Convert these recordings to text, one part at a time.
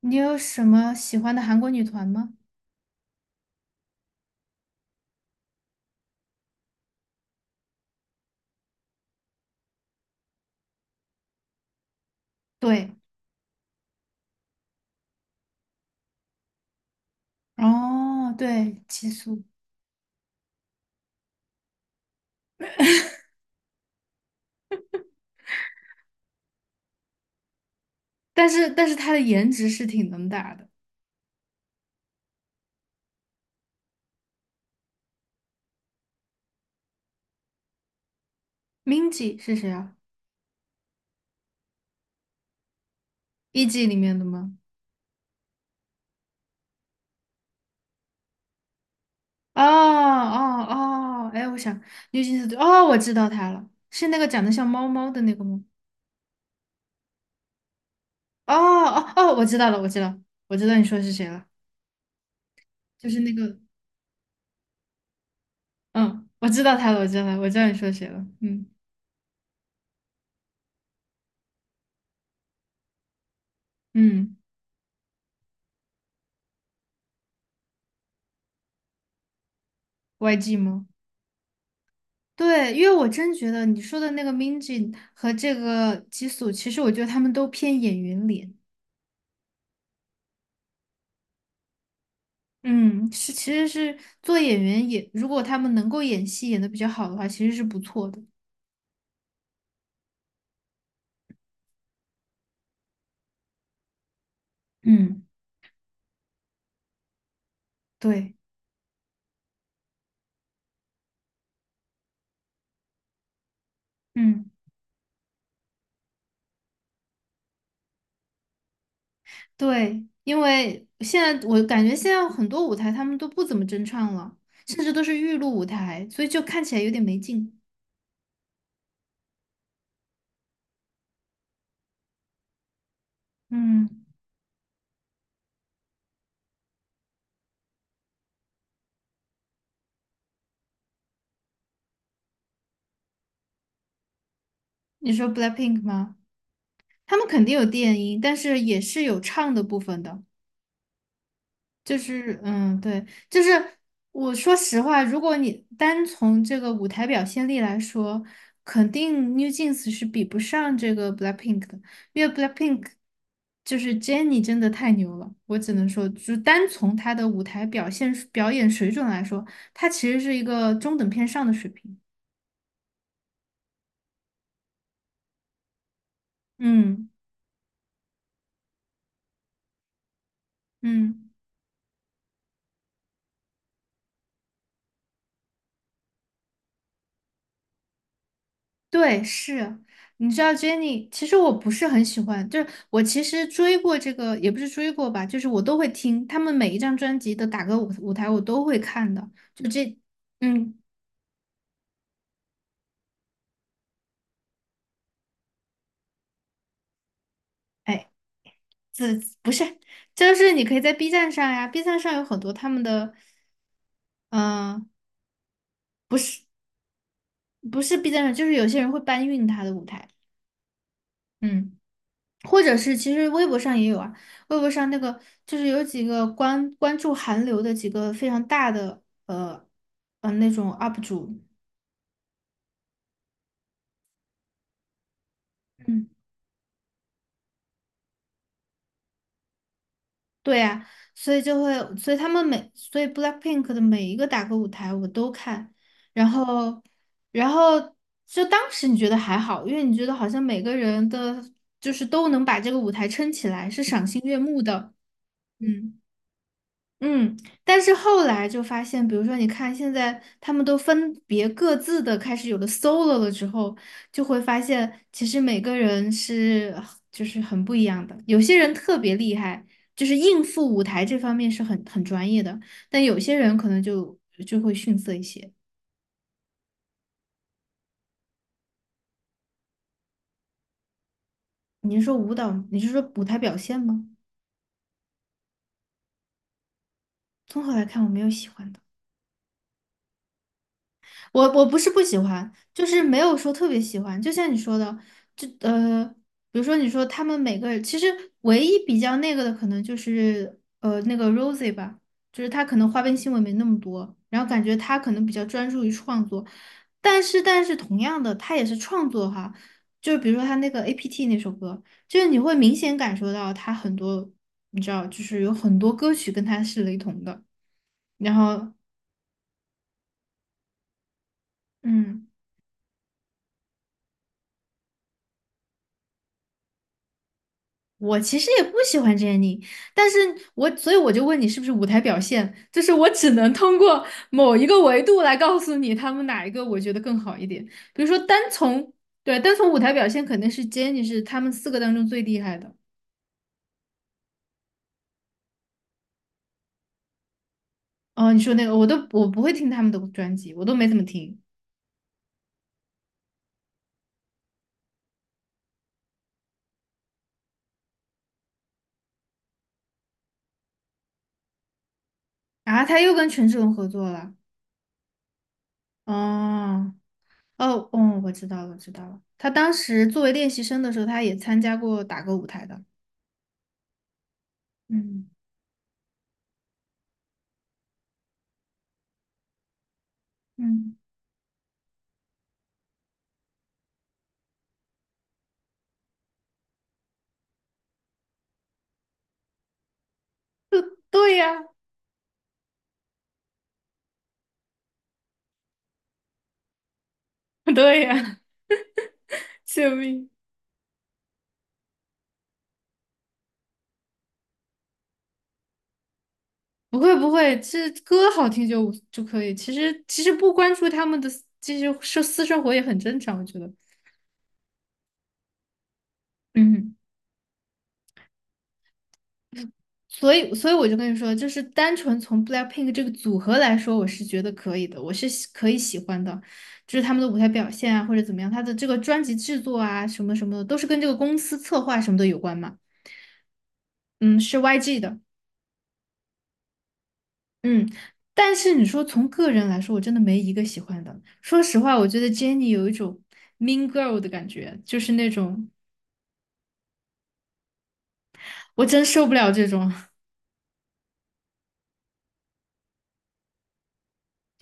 你有什么喜欢的韩国女团吗？对，哦，对，激素，但是她的颜值是挺能打的。Minji 是谁啊？E.G 里面的吗？哦哦哦，哎，我想 n e w j， 哦，我知道她了，是那个长得像猫猫的那个吗？哦哦哦，我知道了，我知道，我知道你说是谁了，就是那个，嗯，我知道她了，我知道你说谁了，嗯嗯，YG 吗？对，因为我真觉得你说的那个 Minji 和这个吉素，其实我觉得他们都偏演员脸。嗯，是，其实是做演员也，如果他们能够演戏演得比较好的话，其实是不错的。嗯，对，嗯，对，因为现在我感觉很多舞台他们都不怎么真唱了，甚至都是预录舞台，所以就看起来有点没劲。嗯，你说 BLACKPINK 吗？他们肯定有电音，但是也是有唱的部分的。就是嗯，对，就是我说实话，如果你单从这个舞台表现力来说，肯定 New Jeans 是比不上这个 BLACKPINK 的，因为 BLACKPINK 就是 Jennie 真的太牛了，我只能说，就单从她的舞台表演水准来说，她其实是一个中等偏上的水平。嗯嗯。对，是，你知道 Jenny，其实我不是很喜欢，就是我其实追过这个，也不是追过吧，就是我都会听他们每一张专辑的打歌舞台，我都会看的。就这，嗯，哎，这不是，就是你可以在 B 站上呀，B 站上有很多他们的，嗯，不是 B 站上，就是有些人会搬运他的舞台，嗯。或者是其实微博上也有啊，微博上那个就是有几个关注韩流的几个非常大的那种 UP 主，嗯，对啊，所以就会，所以他们每，所以 BLACKPINK 的每一个打歌舞台我都看，然后然后就当时你觉得还好，因为你觉得好像每个人的就是都能把这个舞台撑起来，是赏心悦目的，嗯。嗯，但是后来就发现，比如说，你看现在他们都分别各自的开始有了 solo 了之后，就会发现其实每个人是就是很不一样的。有些人特别厉害，就是应付舞台这方面是很专业的，但有些人可能就会逊色一些。你是说舞蹈，你是说舞台表现吗？综合来看，我没有喜欢的。我不是不喜欢，就是没有说特别喜欢。就像你说的，就比如说你说他们每个人，其实唯一比较那个的，可能就是那个 Rosie 吧，就是他可能花边新闻没那么多，然后感觉他可能比较专注于创作。但是同样的，他也是创作哈，就是比如说他那个 APT 那首歌，就是你会明显感受到他很多，你知道，就是有很多歌曲跟他是雷同的，然后嗯。我其实也不喜欢 Jennie，但是所以我就问你是不是舞台表现，就是我只能通过某一个维度来告诉你他们哪一个我觉得更好一点。比如说单从舞台表现肯定是 Jennie 是他们四个当中最厉害的。哦，你说那个我不会听他们的专辑，我都没怎么听啊。他又跟权志龙合作了。哦哦哦，我知道了，我知道了。他当时作为练习生的时候，他也参加过打歌舞台的。嗯嗯，对呀，对呀，救命！不会不会，这歌好听就可以。其实其实不关注他们的私这些私生活也很正常，我觉得。嗯，所以我就跟你说，就是单纯从 BLACKPINK 这个组合来说，我是觉得可以的，我是可以喜欢的，就是他们的舞台表现啊，或者怎么样，他的这个专辑制作啊，什么什么的，都是跟这个公司策划什么的有关嘛。嗯，是 YG 的。嗯，但是你说从个人来说，我真的没一个喜欢的。说实话，我觉得 Jennie 有一种 mean girl 的感觉，就是那种我真受不了这种。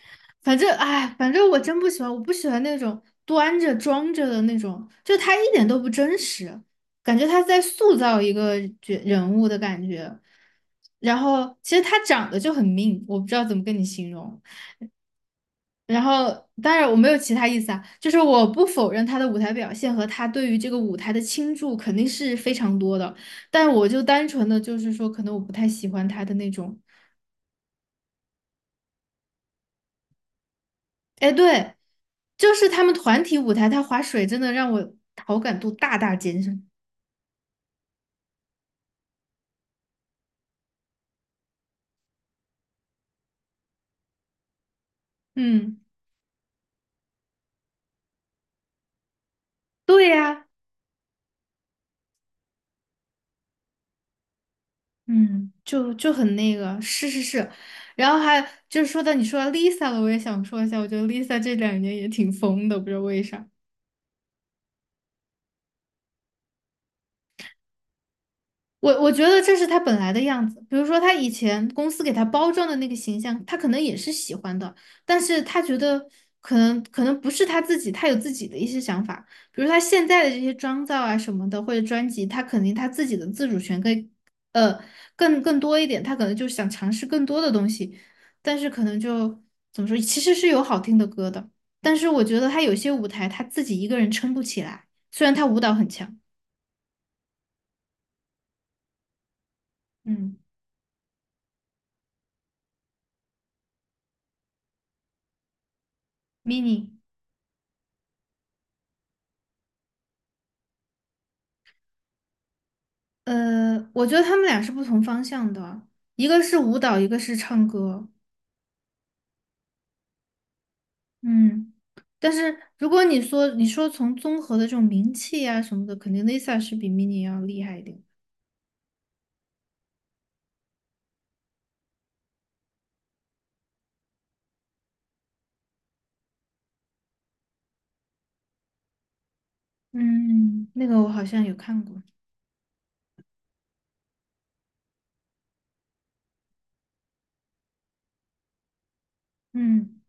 反正哎，反正我真不喜欢，我不喜欢那种端着装着的那种，就他一点都不真实，感觉他在塑造一个人物的感觉。然后其实他长得就很命，我不知道怎么跟你形容。然后，当然我没有其他意思啊，就是我不否认他的舞台表现和他对于这个舞台的倾注肯定是非常多的，但我就单纯的就是说，可能我不太喜欢他的那种，哎，对，就是他们团体舞台，他划水真的让我好感度大大减少。嗯，对呀，嗯，就就很那个，是是是，然后还就是说到Lisa 了，我也想说一下，我觉得 Lisa 这两年也挺疯的，不知道为啥。我觉得这是他本来的样子。比如说，他以前公司给他包装的那个形象，他可能也是喜欢的，但是他觉得可能不是他自己，他有自己的一些想法。比如他现在的这些妆造啊什么的，或者专辑，他肯定他自己的自主权更呃更多一点，他可能就想尝试更多的东西，但是可能就怎么说，其实是有好听的歌的，但是我觉得他有些舞台他自己一个人撑不起来，虽然他舞蹈很强。嗯，mini。我觉得他们俩是不同方向的，一个是舞蹈，一个是唱歌。嗯，但是如果你说从综合的这种名气啊什么的，肯定 Lisa 是比 Mini 要厉害一点。嗯，那个我好像有看过。嗯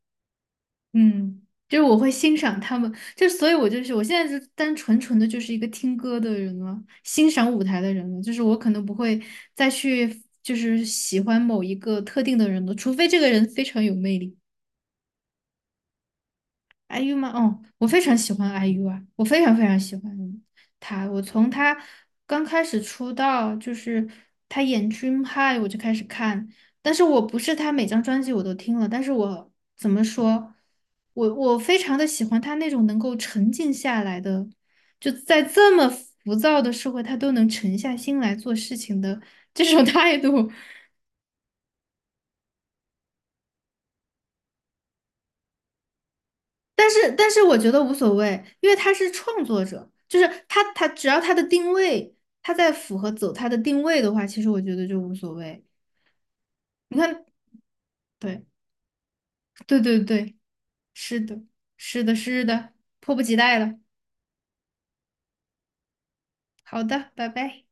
嗯，就是我会欣赏他们，就所以我就是我现在就单纯的就是一个听歌的人了，欣赏舞台的人了，就是我可能不会再去就是喜欢某一个特定的人了，除非这个人非常有魅力。IU 吗？哦，我非常喜欢 IU 啊，我非常非常喜欢他。我从他刚开始出道，就是他演《Dream High》，我就开始看。但是我不是他每张专辑我都听了，但是我怎么说，我非常的喜欢他那种能够沉静下来的，就在这么浮躁的社会，他都能沉下心来做事情的这种态度，但是我觉得无所谓，因为他是创作者，就是他，他只要他的定位，他在符合走他的定位的话，其实我觉得就无所谓。你看，对，对，是的，是的，是的，迫不及待了。好的，拜拜。